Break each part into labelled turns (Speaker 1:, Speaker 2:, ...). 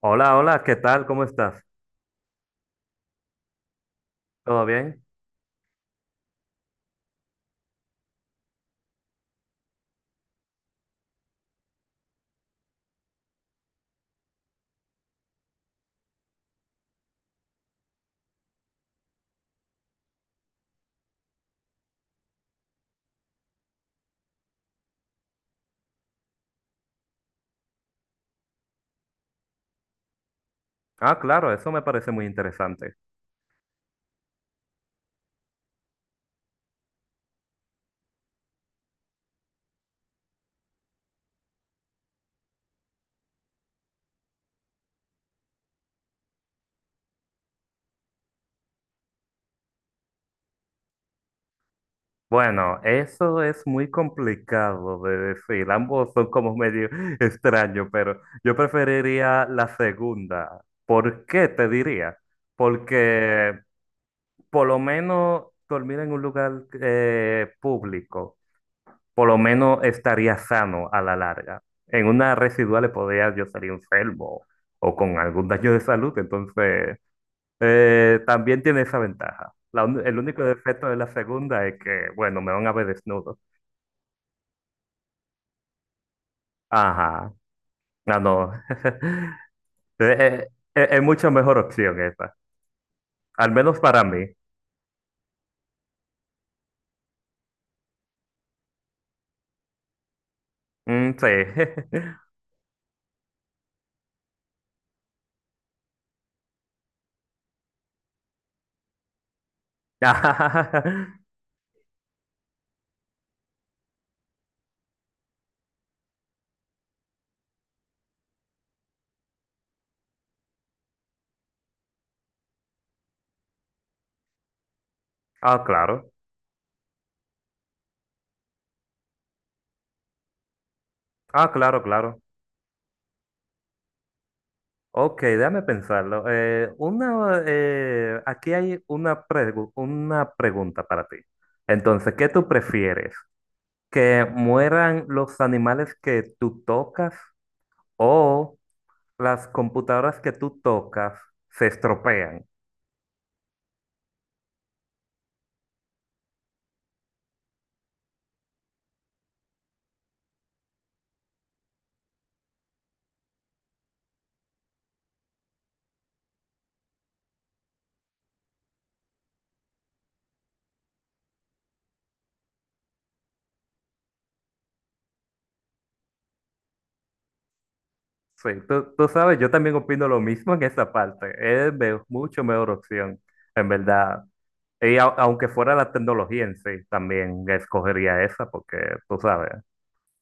Speaker 1: Hola, hola, ¿qué tal? ¿Cómo estás? ¿Todo bien? Ah, claro, eso me parece muy interesante. Bueno, eso es muy complicado de decir. Ambos son como medio extraños, pero yo preferiría la segunda. ¿Por qué te diría? Porque por lo menos dormir en un lugar público, por lo menos estaría sano a la larga. En una residual le podría yo salir enfermo o con algún daño de salud, entonces... también tiene esa ventaja. El único defecto de la segunda es que, bueno, me van a ver desnudo. Ajá, no, no. Eh, es mucho mejor opción esa, al menos para mí. Mm, sí. Ah, claro. Ah, claro, claro. Ok, déjame pensarlo. Aquí hay una pregunta para ti. Entonces, ¿qué tú prefieres? ¿Que mueran los animales que tú tocas? ¿O las computadoras que tú tocas se estropean? Sí, tú sabes, yo también opino lo mismo en esa parte. Mucho mejor opción, en verdad. Aunque fuera la tecnología en sí, también escogería esa porque, tú sabes,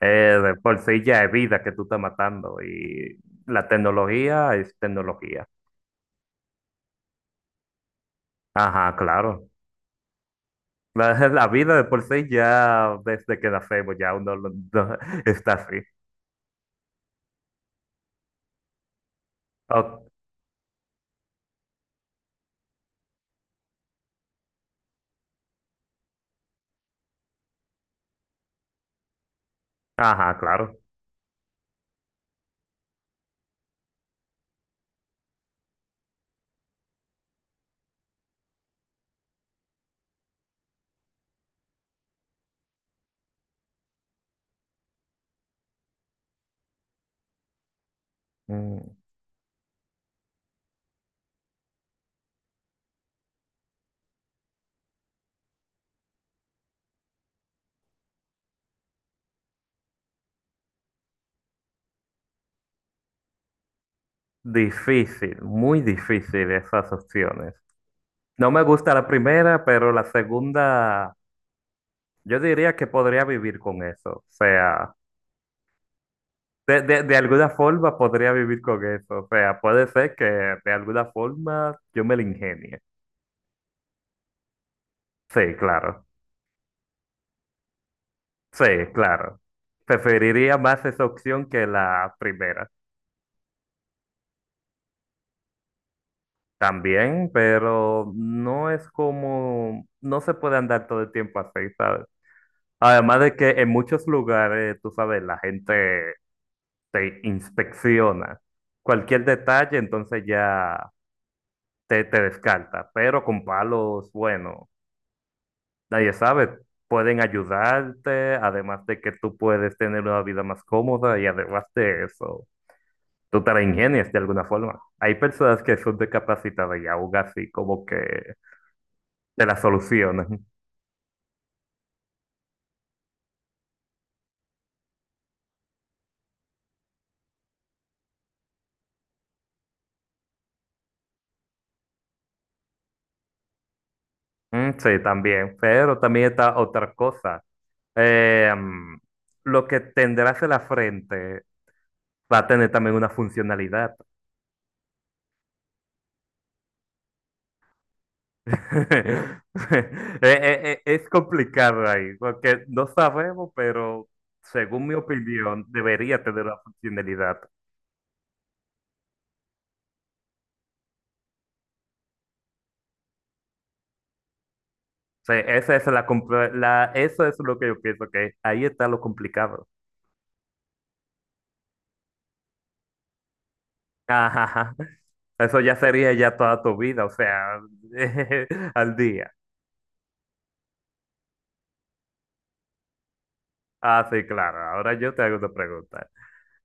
Speaker 1: de por sí ya es vida que tú estás matando y la tecnología es tecnología. Ajá, claro. La vida de por sí ya desde que nacemos está así. O- ajá, claro. Mm. Difícil, muy difícil esas opciones. No me gusta la primera, pero la segunda, yo diría que podría vivir con eso. O sea, de alguna forma podría vivir con eso. O sea, puede ser que de alguna forma yo me la ingenie. Sí, claro. Sí, claro. Preferiría más esa opción que la primera. También, pero no es como, no se puede andar todo el tiempo así, ¿sabes? Además de que en muchos lugares, tú sabes, la gente te inspecciona. Cualquier detalle, entonces ya te descarta. Pero con palos, bueno, nadie sabe. Pueden ayudarte, además de que tú puedes tener una vida más cómoda y además de eso, tú te la ingenias de alguna forma. Hay personas que son discapacitadas y aún así como que te la solucionan. Mm, sí, también. Pero también está otra cosa. Eh, mm, lo que tendrás en la frente va a tener también una funcionalidad. Es complicado ahí, porque no sabemos, pero según mi opinión, debería tener una funcionalidad. O sea, esa es eso es lo que yo pienso, que ahí está lo complicado. Ajá, ajá. Eso ya sería ya toda tu vida, o sea, al día. Ah, sí, claro. Ahora yo te hago una pregunta.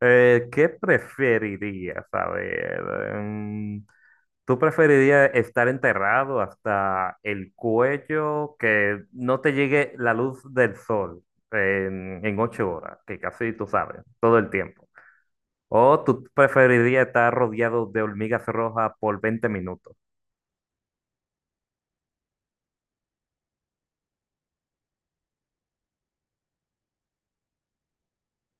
Speaker 1: ¿Qué preferirías? A ver, em, ¿tú preferirías estar enterrado hasta el cuello, que no te llegue la luz del sol en 8 horas, que casi tú sabes, todo el tiempo? ¿O tú preferirías estar rodeado de hormigas rojas por 20 minutos?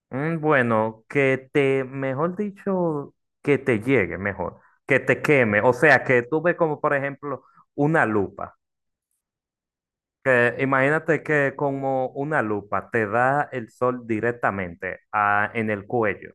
Speaker 1: Mm, bueno, que te, mejor dicho, que te llegue mejor, que te queme, o sea, que tú ves como, por ejemplo, una lupa. Que imagínate que como una lupa te da el sol directamente en el cuello.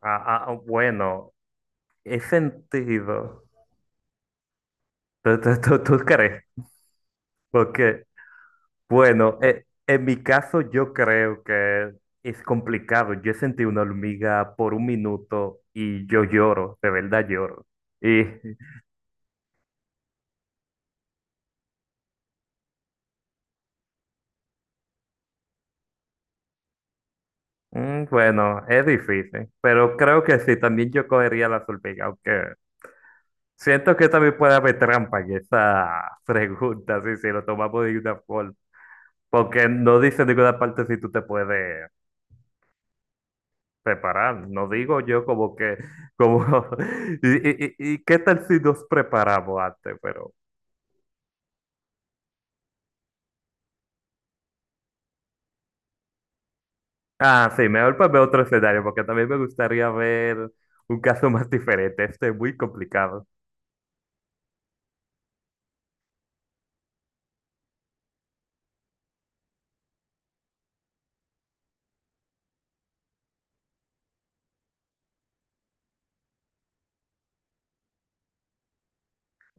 Speaker 1: Ah, ah, ah, bueno, es sentido. Tú crees? Porque, bueno, en mi caso yo creo que es complicado. Yo sentí una hormiga por 1 minuto y yo lloro, de verdad lloro. Y Mm, bueno, es difícil, pero creo que sí, también yo cogería la solvega, aunque siento que también puede haber trampa en esa pregunta, sí, si lo tomamos de una forma, porque no dice en ninguna parte si tú te puedes preparar, no digo yo como que, como, y qué tal si nos preparamos antes, pero, ah, sí, mejor para ver otro escenario, porque también me gustaría ver un caso más diferente, este es muy complicado.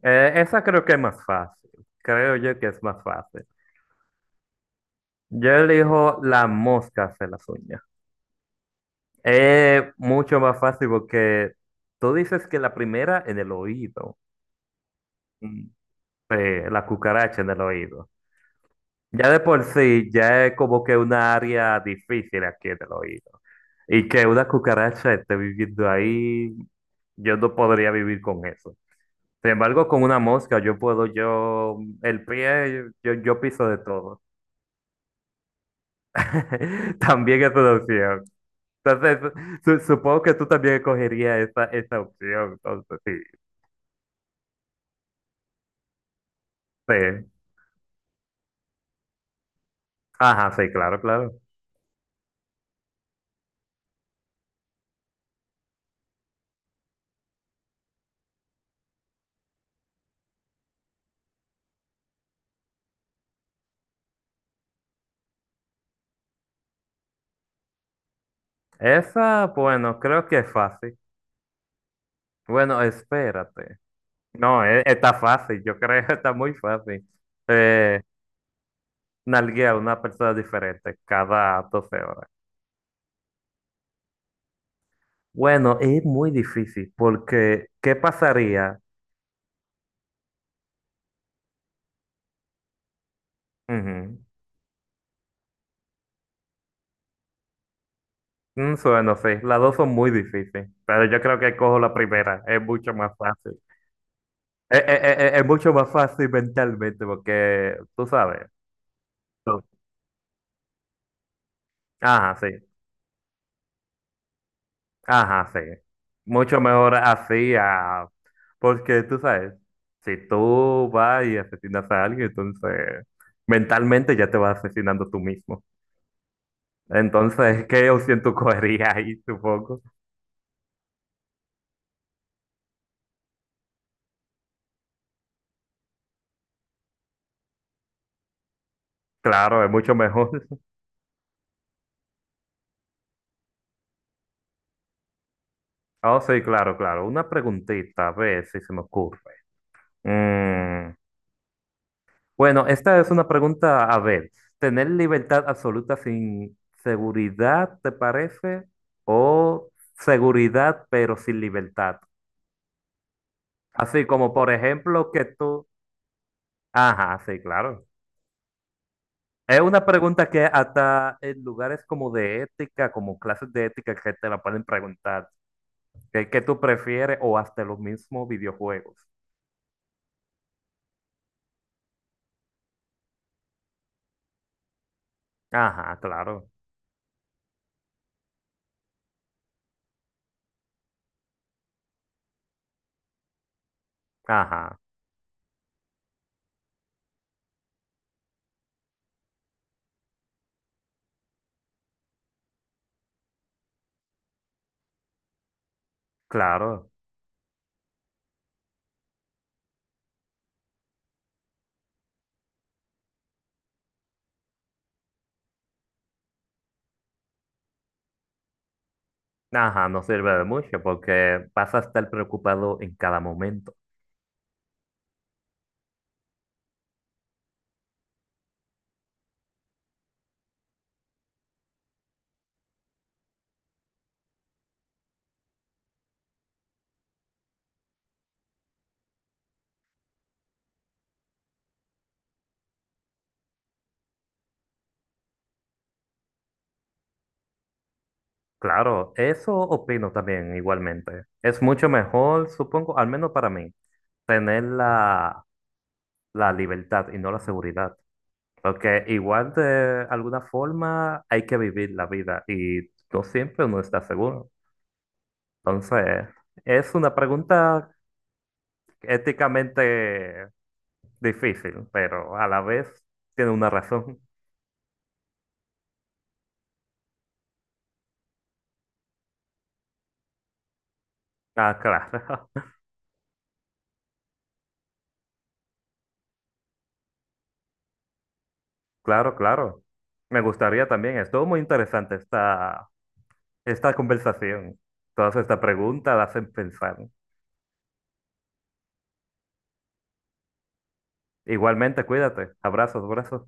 Speaker 1: Esa creo que es más fácil. Creo yo que es más fácil. Yo elijo la mosca hacer las uñas. Es mucho más fácil porque tú dices que la primera en el oído. Mm. La cucaracha en el oído. Ya de por sí, ya es como que una área difícil aquí en el oído. Y que una cucaracha esté viviendo ahí, yo no podría vivir con eso. Sin embargo, con una mosca yo puedo, yo, el pie, yo piso de todo. También es una opción. Entonces, supongo que tú también escogerías esa opción. Entonces, sí, sí. Ajá, sí, claro, claro. Esa, bueno, creo que es fácil. Bueno, espérate. No, está fácil, yo creo que está muy fácil. Eh, Nalguea a una persona diferente cada 12 horas. Bueno, es muy difícil porque, ¿qué pasaría? Ujú. Mm, bueno, sí, las dos son muy difíciles, pero yo creo que cojo la primera, es mucho más fácil. Es mucho más fácil mentalmente porque tú sabes. tú- Ajá, sí. Ajá, sí. Mucho mejor así a... Porque tú sabes, si tú vas y asesinas a alguien, entonces mentalmente ya te vas asesinando tú mismo. Entonces, ¿qué opción tú cogerías ahí, supongo? Claro, es mucho mejor. Oh, sí, claro, claro. Una preguntita, a ver si se me ocurre. Mm. Bueno, esta es una pregunta, a ver, ¿tener libertad absoluta sin seguridad, te parece? ¿O seguridad pero sin libertad? Así como, por ejemplo, que tú... Ajá, sí, claro. Es una pregunta que hasta en lugares como de ética, como clases de ética, que te la pueden preguntar. ¿Qué tú prefieres? O hasta los mismos videojuegos. Ajá, claro. Ajá, claro. Ajá, no sirve de mucho porque vas a estar preocupado en cada momento. Claro, eso opino también igualmente. Es mucho mejor, supongo, al menos para mí, tener la libertad y no la seguridad. Porque igual de alguna forma hay que vivir la vida y no siempre uno está seguro. Entonces, es una pregunta éticamente difícil, pero a la vez tiene una razón. Ah, claro, claro, claro. Me gustaría también, estuvo muy interesante esta. Esta conversación, todas estas preguntas las hacen pensar. Igualmente, cuídate. Abrazos, abrazos.